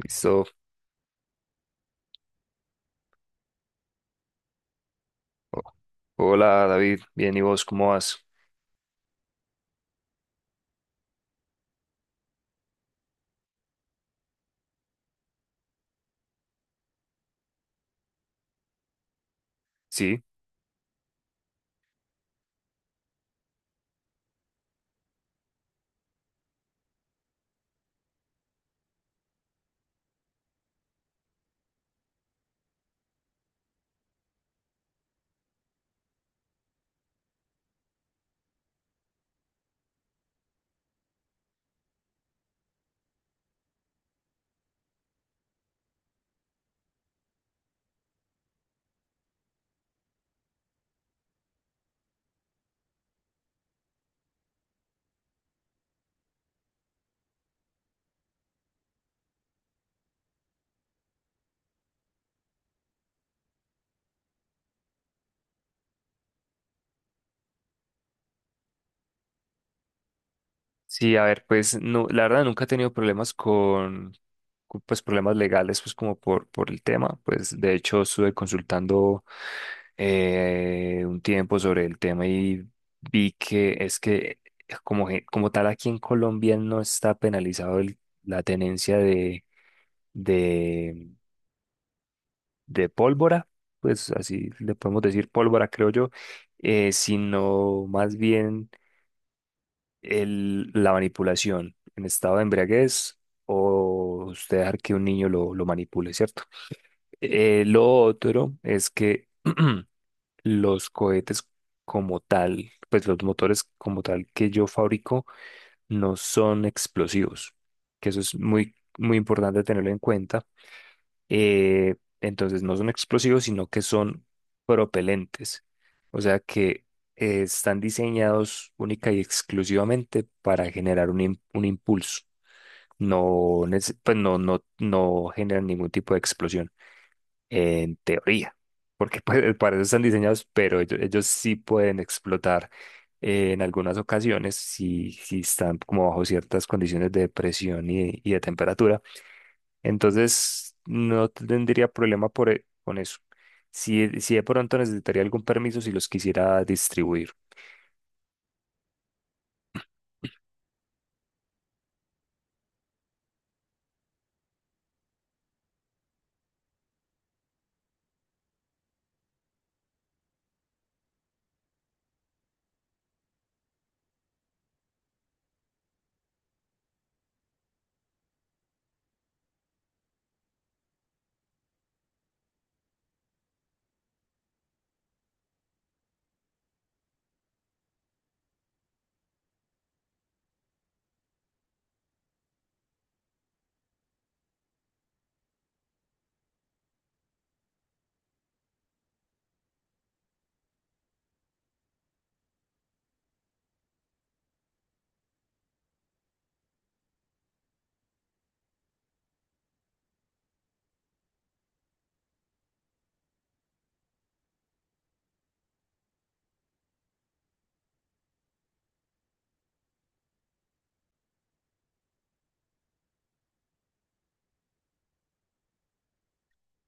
Listo. O- Hola David, bien, ¿y vos cómo vas? Sí, sí, a ver, pues no, la verdad nunca he tenido problemas con, pues problemas legales, pues como por el tema, pues de hecho estuve consultando un tiempo sobre el tema y vi que es que como, como tal aquí en Colombia no está penalizado la tenencia de, de pólvora, pues así le podemos decir pólvora, creo yo sino más bien la manipulación en estado de embriaguez o usted dejar que un niño lo manipule, ¿cierto? Lo otro es que los cohetes como tal, pues los motores como tal que yo fabrico no son explosivos, que eso es muy, muy importante tenerlo en cuenta eh, entonces no son explosivos, sino que son propelentes. O sea que están diseñados única y exclusivamente para generar un impulso. No, pues no, no generan ningún tipo de explosión, en teoría, porque pues, para eso están diseñados, pero ellos sí pueden explotar en algunas ocasiones si, si están como bajo ciertas condiciones de presión y de temperatura entonces, no tendría problema con eso. Si, e, si de pronto necesitaría algún permiso si los quisiera distribuir.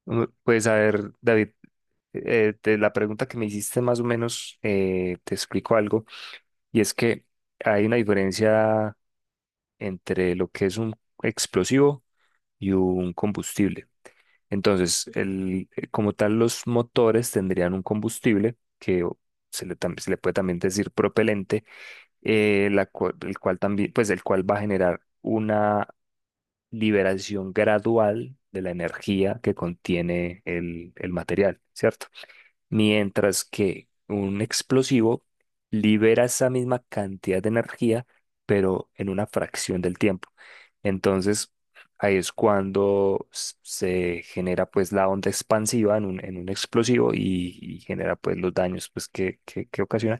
Mm, pues a ver, David, de la pregunta que me hiciste más o menos, te explico algo, y es que hay una diferencia entre lo que es un explosivo y un combustible. Entonces, como tal, los motores tendrían un combustible se le, se le puede también decir propelente, el cual también, pues el cual va a generar una liberación gradual de la energía que contiene el material, ¿cierto? Mientras que un explosivo libera esa misma cantidad de energía, pero en una fracción del tiempo. Entonces, ahí es cuando se genera pues la onda expansiva en en un explosivo y genera pues los daños pues que, que ocasiona.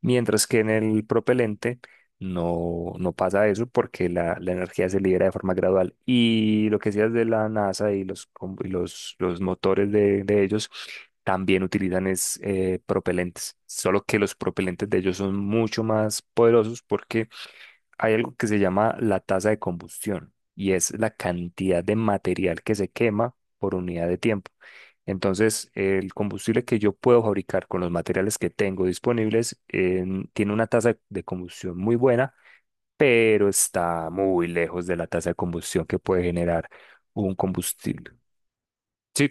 Mientras que en el propelente no, no pasa eso porque la energía se libera de forma gradual. Y lo que decías de la NASA y y los motores de ellos también utilizan es, propelentes, solo que los propelentes de ellos son mucho más poderosos porque hay algo que se llama la tasa de combustión y es la cantidad de material que se quema por unidad de tiempo. Entonces, el combustible que yo puedo fabricar con los materiales que tengo disponibles tiene una tasa de combustión muy buena, pero está muy lejos de la tasa de combustión que puede generar un combustible. Sí,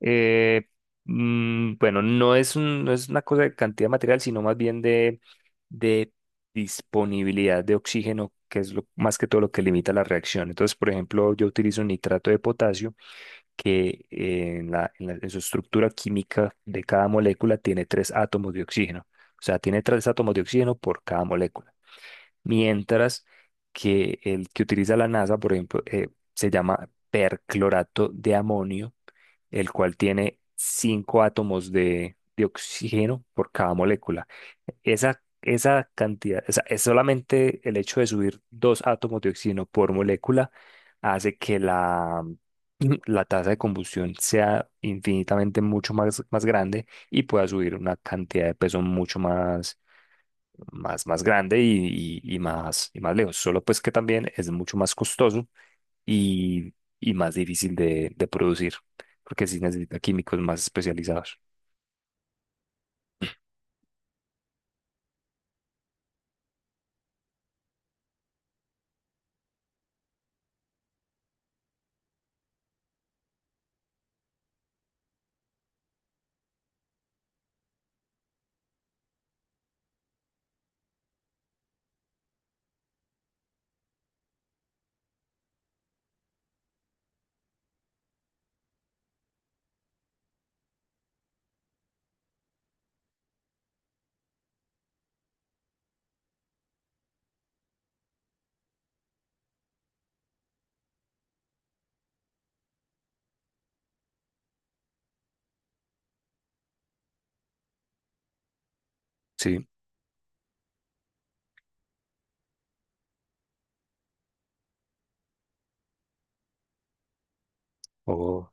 Eh, bueno, no es no es una cosa de cantidad material, sino más bien de disponibilidad de oxígeno, que es lo, más que todo lo que limita la reacción. Entonces, por ejemplo, yo utilizo nitrato de potasio, que en su estructura química de cada molécula tiene tres átomos de oxígeno. O sea, tiene tres átomos de oxígeno por cada molécula. Mientras que el que utiliza la NASA, por ejemplo, se llama perclorato de amonio, el cual tiene cinco átomos de oxígeno por cada molécula. Esa cantidad, o sea, es solamente el hecho de subir dos átomos de oxígeno por molécula hace que la tasa de combustión sea infinitamente mucho más, más grande y pueda subir una cantidad de peso mucho más más, más grande y más lejos. Solo pues que también es mucho más costoso y, y más difícil de producir, porque sí necesita químicos más especializados. Sí, o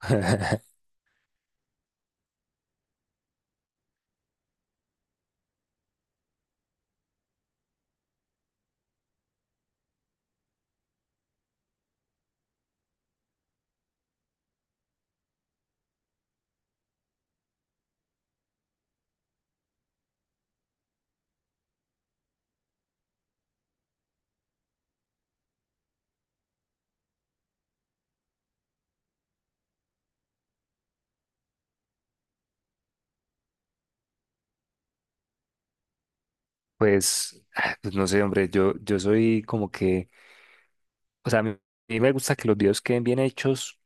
pues, ah, pues no sé, hombre, yo soy como que, o sea, a mí me gusta que los videos queden bien hechos,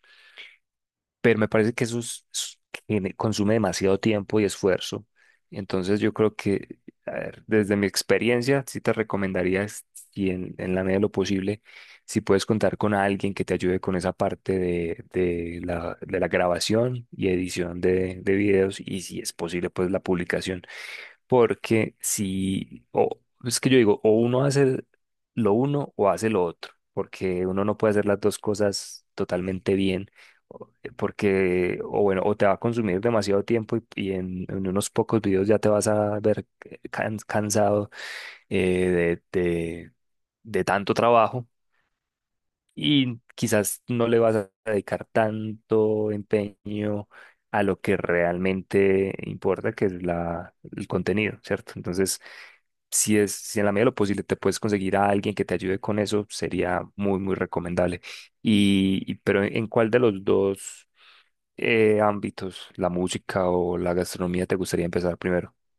pero me parece que eso consume demasiado tiempo y esfuerzo. Entonces yo creo que, a ver, desde mi experiencia, sí te recomendaría, y en la medida de lo posible, si puedes contar con alguien que te ayude con esa parte de de la grabación y edición de videos y si es posible, pues la publicación. Porque si, o es que yo digo, o uno hace lo uno o hace lo otro, porque uno no puede hacer las dos cosas totalmente bien, porque, o bueno, o te va a consumir demasiado tiempo y en unos pocos videos ya te vas a ver cansado eh, de, de de tanto trabajo y quizás no le vas a dedicar tanto empeño a lo que realmente importa, que es el contenido, ¿cierto? Entonces, si es, si en la medida de lo posible te puedes conseguir a alguien que te ayude con eso, sería muy, muy recomendable. Pero ¿en cuál de los dos ámbitos, la música o la gastronomía, te gustaría empezar primero?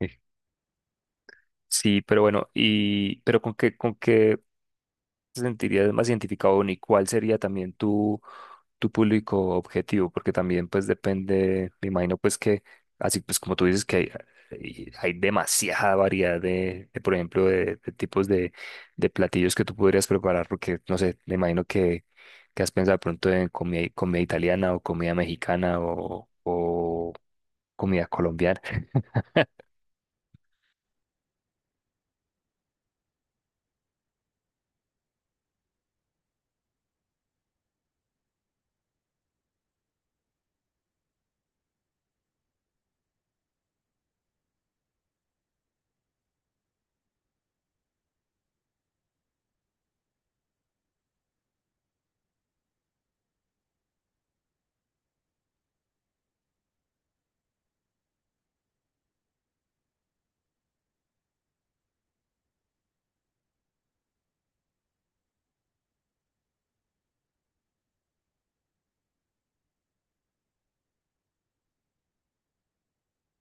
Sí. Sí, pero bueno, pero con qué te sentirías más identificado ni cuál sería también tu público objetivo? Porque también pues depende, me imagino pues que, así pues como tú dices que hay, hay demasiada variedad por ejemplo, de tipos de platillos que tú podrías preparar, porque no sé, me imagino que has pensado de pronto en comida, comida italiana o comida mexicana o comida colombiana.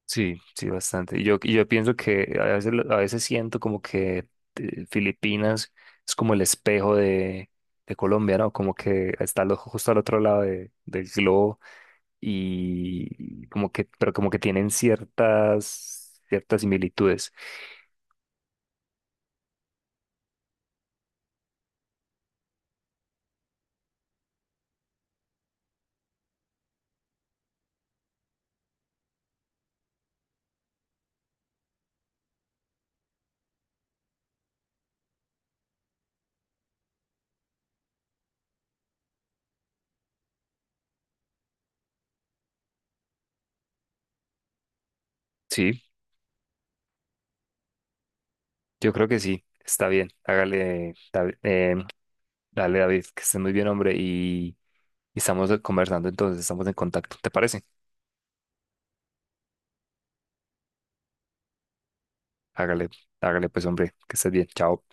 Sí, sí, bastante. Y yo pienso que a veces, a veces siento como que Filipinas es como el espejo de Colombia, ¿no? Como que está justo al otro lado del globo y como que, pero como que tienen ciertas, ciertas similitudes. Sí, yo creo que sí, está bien. Hágale, David, dale, David, que esté muy bien, hombre. Y estamos conversando entonces, estamos en contacto, ¿te parece? Hágale, hágale pues, hombre, que estés bien. Chao.